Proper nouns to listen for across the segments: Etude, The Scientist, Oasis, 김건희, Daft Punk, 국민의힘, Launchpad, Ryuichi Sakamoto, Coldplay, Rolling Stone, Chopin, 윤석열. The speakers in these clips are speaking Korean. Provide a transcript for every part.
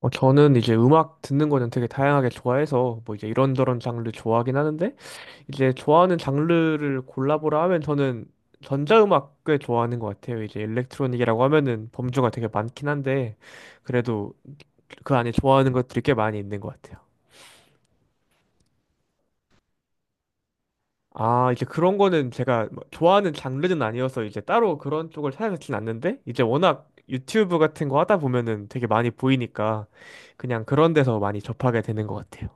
저는 이제 음악 듣는 거는 되게 다양하게 좋아해서 뭐 이제 이런저런 장르 좋아하긴 하는데 이제 좋아하는 장르를 골라보라 하면 저는 전자음악 꽤 좋아하는 것 같아요. 이제 일렉트로닉이라고 하면은 범주가 되게 많긴 한데 그래도 그 안에 좋아하는 것들이 꽤 많이 있는 것 같아요. 아, 이제 그런 거는 제가 뭐 좋아하는 장르는 아니어서 이제 따로 그런 쪽을 찾아듣진 않는데 이제 워낙 유튜브 같은 거 하다 보면은 되게 많이 보이니까 그냥 그런 데서 많이 접하게 되는 것 같아요.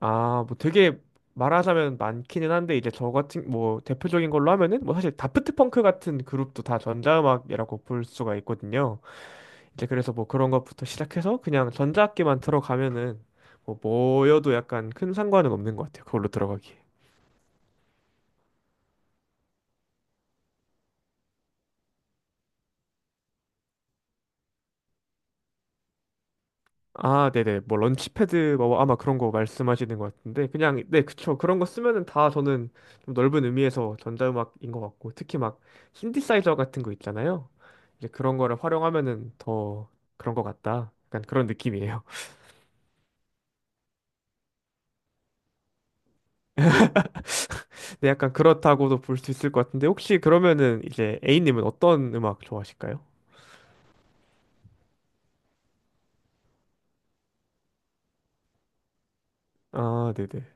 아, 뭐 되게 말하자면 많기는 한데 이제 저 같은 뭐 대표적인 걸로 하면은 뭐 사실 다프트 펑크 같은 그룹도 다 전자음악이라고 볼 수가 있거든요. 이제 그래서 뭐 그런 것부터 시작해서 그냥 전자악기만 들어가면은 뭐여도 약간 큰 상관은 없는 것 같아요. 그걸로 들어가기. 아, 네네. 뭐 런치패드 뭐 아마 그런 거 말씀하시는 것 같은데 그냥 네, 그쵸. 그런 거 쓰면은 다 저는 좀 넓은 의미에서 전자음악인 것 같고 특히 막 신디사이저 같은 거 있잖아요. 이제 그런 거를 활용하면은 더 그런 것 같다. 약간 그런 느낌이에요. 네, 약간 그렇다고도 볼 수 있을 것 같은데 혹시 그러면은 이제 A님은 어떤 음악 좋아하실까요? 아, 네네.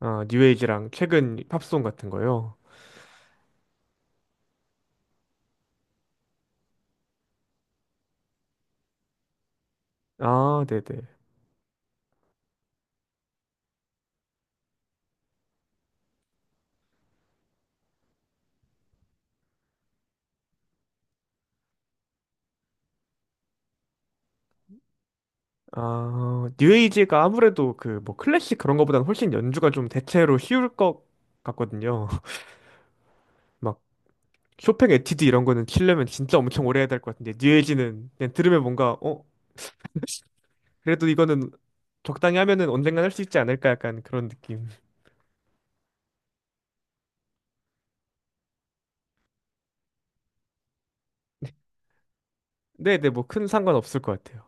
아, 뉴에이지랑 최근 팝송 같은 거요. 아, 네네. 아, 뉴에이지가 아무래도 그 뭐 클래식 그런 거보다는 훨씬 연주가 좀 대체로 쉬울 것 같거든요. 막 쇼팽 에티드 이런 거는 치려면 진짜 엄청 오래 해야 될 것 같은데 뉴에이지는 그냥 들으면 뭔가, 그래도 이거는 적당히 하면은 언젠간 할 수 있지 않을까 약간 그런 느낌. 네, 네, 뭐 큰 상관 없을 것 같아요.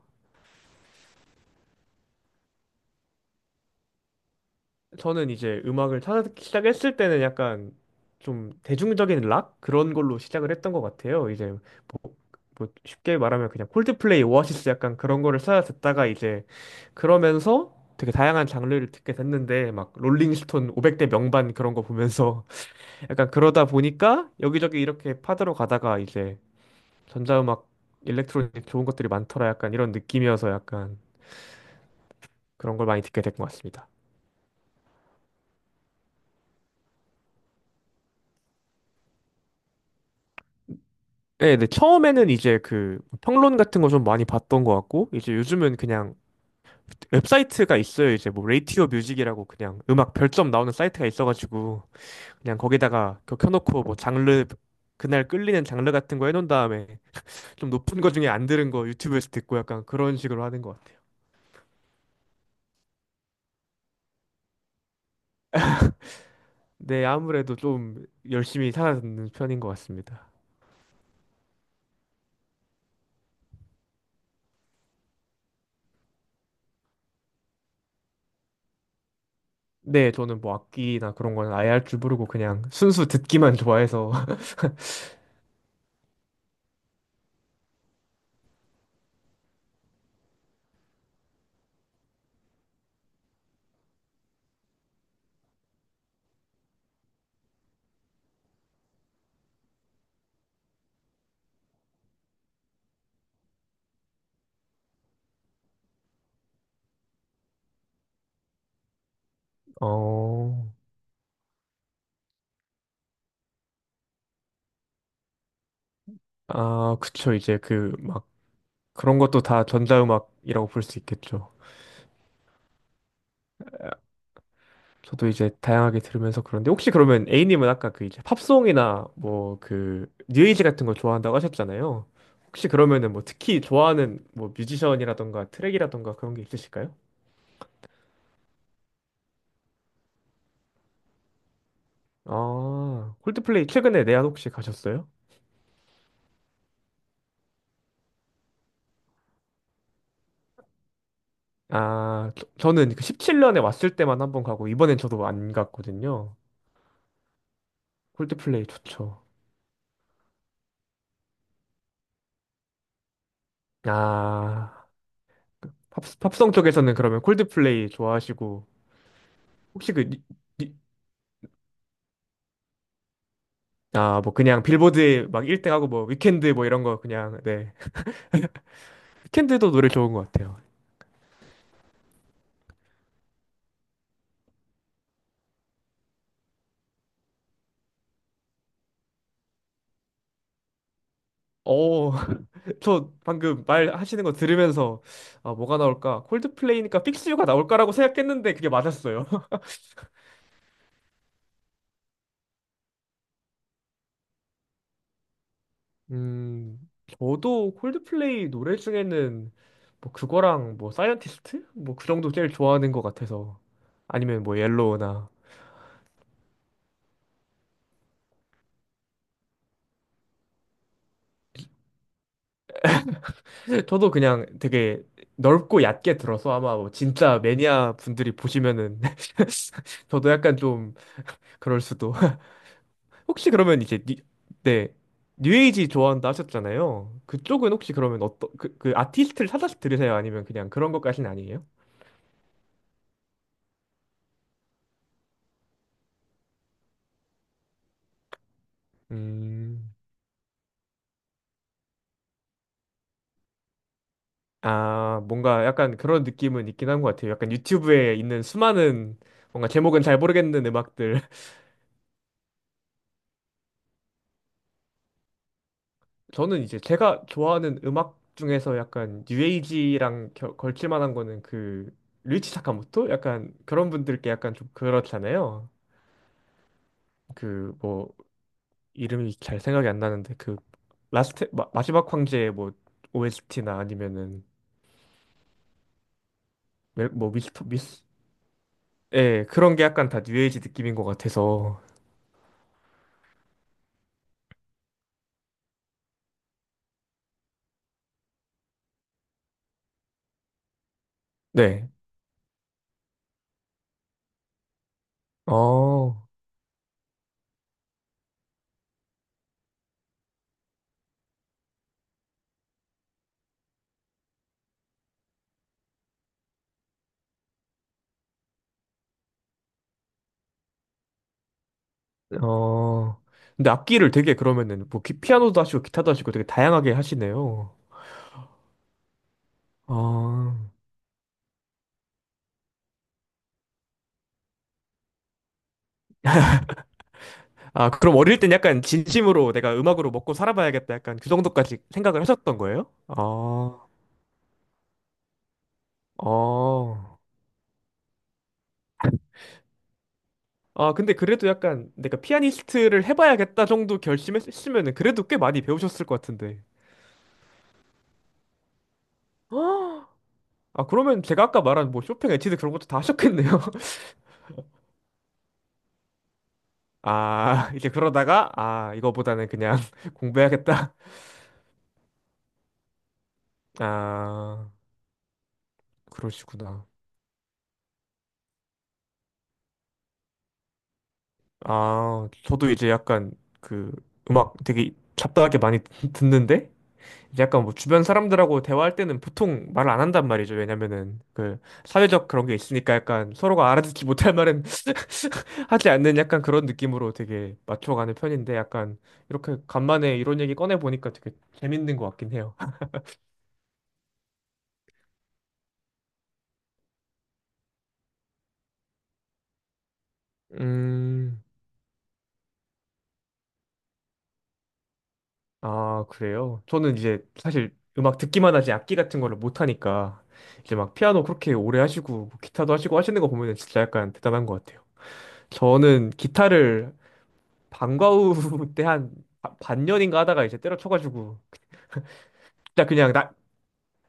저는 이제 음악을 찾아듣기 시작했을 때는 약간 좀 대중적인 락 그런 걸로 시작을 했던 것 같아요. 이제 뭐, 뭐 쉽게 말하면 그냥 콜드플레이, 오아시스 약간 그런 거를 찾아 듣다가 이제 그러면서 되게 다양한 장르를 듣게 됐는데 막 롤링스톤 500대 명반 그런 거 보면서 약간 그러다 보니까 여기저기 이렇게 파들어 가다가 이제 전자음악, 일렉트로닉 좋은 것들이 많더라 약간 이런 느낌이어서 약간 그런 걸 많이 듣게 된 것 같습니다. 네, 네. 처음에는 이제 그 평론 같은 거 좀 많이 봤던 것 같고, 이제 요즘은 그냥 웹사이트가 있어요. 이제 뭐 레이티오 뮤직이라고 그냥 음악 별점 나오는 사이트가 있어가지고, 그냥 거기다가 그거 켜놓고 뭐 장르, 그날 끌리는 장르 같은 거 해놓은 다음에 좀 높은 거 중에 안 들은 거 유튜브에서 듣고 약간 그런 식으로 하는 것 같아요. 네, 아무래도 좀 열심히 살아듣는 편인 것 같습니다. 네, 저는 뭐 악기나 그런 거는 아예 할 줄 모르고 그냥 순수 듣기만 좋아해서. 어, 아, 그쵸. 이제 그막 그런 것도 다 전자음악이라고 볼 수 있겠죠. 저도 이제 다양하게 들으면서 그런데 혹시 그러면 A님은 아까 그 이제 팝송이나 뭐 그 뉴에이지 같은 거 좋아한다고 하셨잖아요. 혹시 그러면은 뭐 특히 좋아하는 뭐 뮤지션이라던가 트랙이라던가 그런 게 있으실까요? 아, 콜드플레이 최근에 내한 혹시 가셨어요? 아, 저, 는그 17년에 왔을 때만 한번 가고 이번엔 저도 안 갔거든요. 콜드플레이 좋죠. 아, 그 팝, 팝송 쪽에서는 그러면 콜드플레이 좋아하시고 혹시 그 아, 뭐 그냥 빌보드에 막 1등하고 뭐 위켄드 뭐 이런 거 그냥 네. 위켄드도 노래 좋은 것 같아요. 어, 저 방금 말 하시는 거 들으면서 아, 뭐가 나올까? 콜드플레이니까 픽스 유가 나올까라고 생각했는데 그게 맞았어요. 음, 저도 콜드플레이 노래 중에는 뭐 그거랑 뭐 사이언티스트? 뭐 그 정도 제일 좋아하는 것 같아서 아니면 뭐 옐로우나 저도 그냥 되게 넓고 얕게 들어서 아마 뭐 진짜 매니아 분들이 보시면은 저도 약간 좀 그럴 수도. 혹시 그러면 이제 뉴, 네. 뉴에이지 좋아한다 하셨잖아요. 그쪽은 혹시 그러면 어떤 그, 그 아티스트를 찾아서 들으세요? 아니면 그냥 그런 것까지는 아니에요? 음. 아, 뭔가 약간 그런 느낌은 있긴 한 것 같아요. 약간 유튜브에 있는 수많은 뭔가 제목은 잘 모르겠는 음악들. 저는 이제 제가 좋아하는 음악 중에서 약간 뉴에이지랑 걸칠 만한 거는 그 류이치 사카모토? 약간 그런 분들께 약간 좀 그렇잖아요. 그뭐 이름이 잘 생각이 안 나는데 그 라스트 지막 황제의 뭐 OST나 아니면은 뭐 미스터 미스 예 그런 게 약간 다 뉴에이지 느낌인 것 같아서 네 어 어 근데 악기를 되게 그러면은 피아노도 하시고 기타도 하시고 되게 다양하게 하시네요. 아, 아, 그럼 어릴 땐 약간 진심으로 내가 음악으로 먹고 살아봐야겠다 약간 그 정도까지 생각을 하셨던 거예요? 어. 아, 근데 그래도 약간 내가 피아니스트를 해봐야겠다 정도 결심했으면은 그래도 꽤 많이 배우셨을 것 같은데. 아, 아, 그러면 제가 아까 말한 뭐 쇼팽, 에티드 그런 것도 다 하셨겠네요. 아, 이제 그러다가, 아, 이거보다는 그냥 공부해야겠다. 아, 그러시구나. 아, 저도 이제 약간 그 음악 되게 잡다하게 많이 듣는데? 약간 뭐 주변 사람들하고 대화할 때는 보통 말을 안 한단 말이죠. 왜냐면은 그 사회적 그런 게 있으니까 약간 서로가 알아듣지 못할 말은 하지 않는 약간 그런 느낌으로 되게 맞춰가는 편인데 약간 이렇게 간만에 이런 얘기 꺼내 보니까 되게 재밌는 것 같긴 해요. 음, 아, 그래요? 저는 이제 사실 음악 듣기만 하지 악기 같은 거를 못 하니까 이제 막 피아노 그렇게 오래 하시고 뭐 기타도 하시고 하시는 거 보면 진짜 약간 대단한 것 같아요. 저는 기타를 방과후 때 한 반년인가 하다가 이제 때려쳐가지고 진짜 그냥 나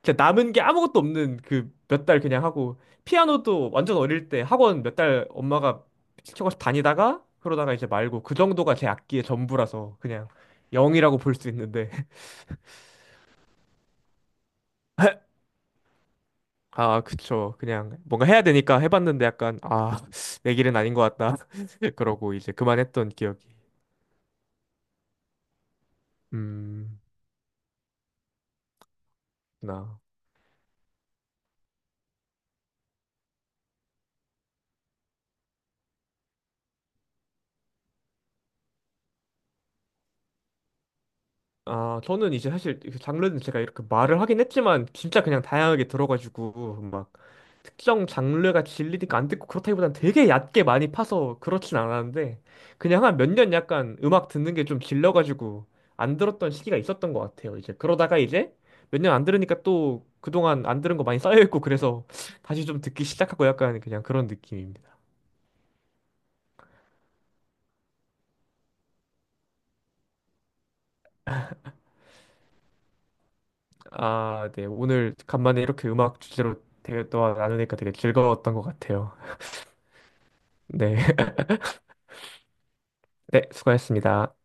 진짜 남은 게 아무것도 없는 그 몇 달 그냥 하고 피아노도 완전 어릴 때 학원 몇 달 엄마가 시켜가지고 다니다가 그러다가 이제 말고 그 정도가 제 악기의 전부라서 그냥 영이라고 볼 수 있는데 아 그쵸 그냥 뭔가 해야 되니까 해봤는데 약간 아 내 길은 아닌 것 같다 그러고 이제 그만했던 기억이. 음 나. 아, 저는 이제 사실 그 장르는 제가 이렇게 말을 하긴 했지만 진짜 그냥 다양하게 들어가지고 막 특정 장르가 질리니까 안 듣고 그렇다기보단 되게 얕게 많이 파서 그렇진 않았는데 그냥 한 몇 년 약간 음악 듣는 게 좀 질려가지고 안 들었던 시기가 있었던 것 같아요. 이제 그러다가 이제 몇 년 안 들으니까 또 그동안 안 들은 거 많이 쌓여있고 그래서 다시 좀 듣기 시작하고 약간 그냥 그런 느낌입니다. 아, 네. 오늘 간만에 이렇게 음악 주제로 대화 나누니까 되게 즐거웠던 것 같아요. 네. 네, 수고하셨습니다.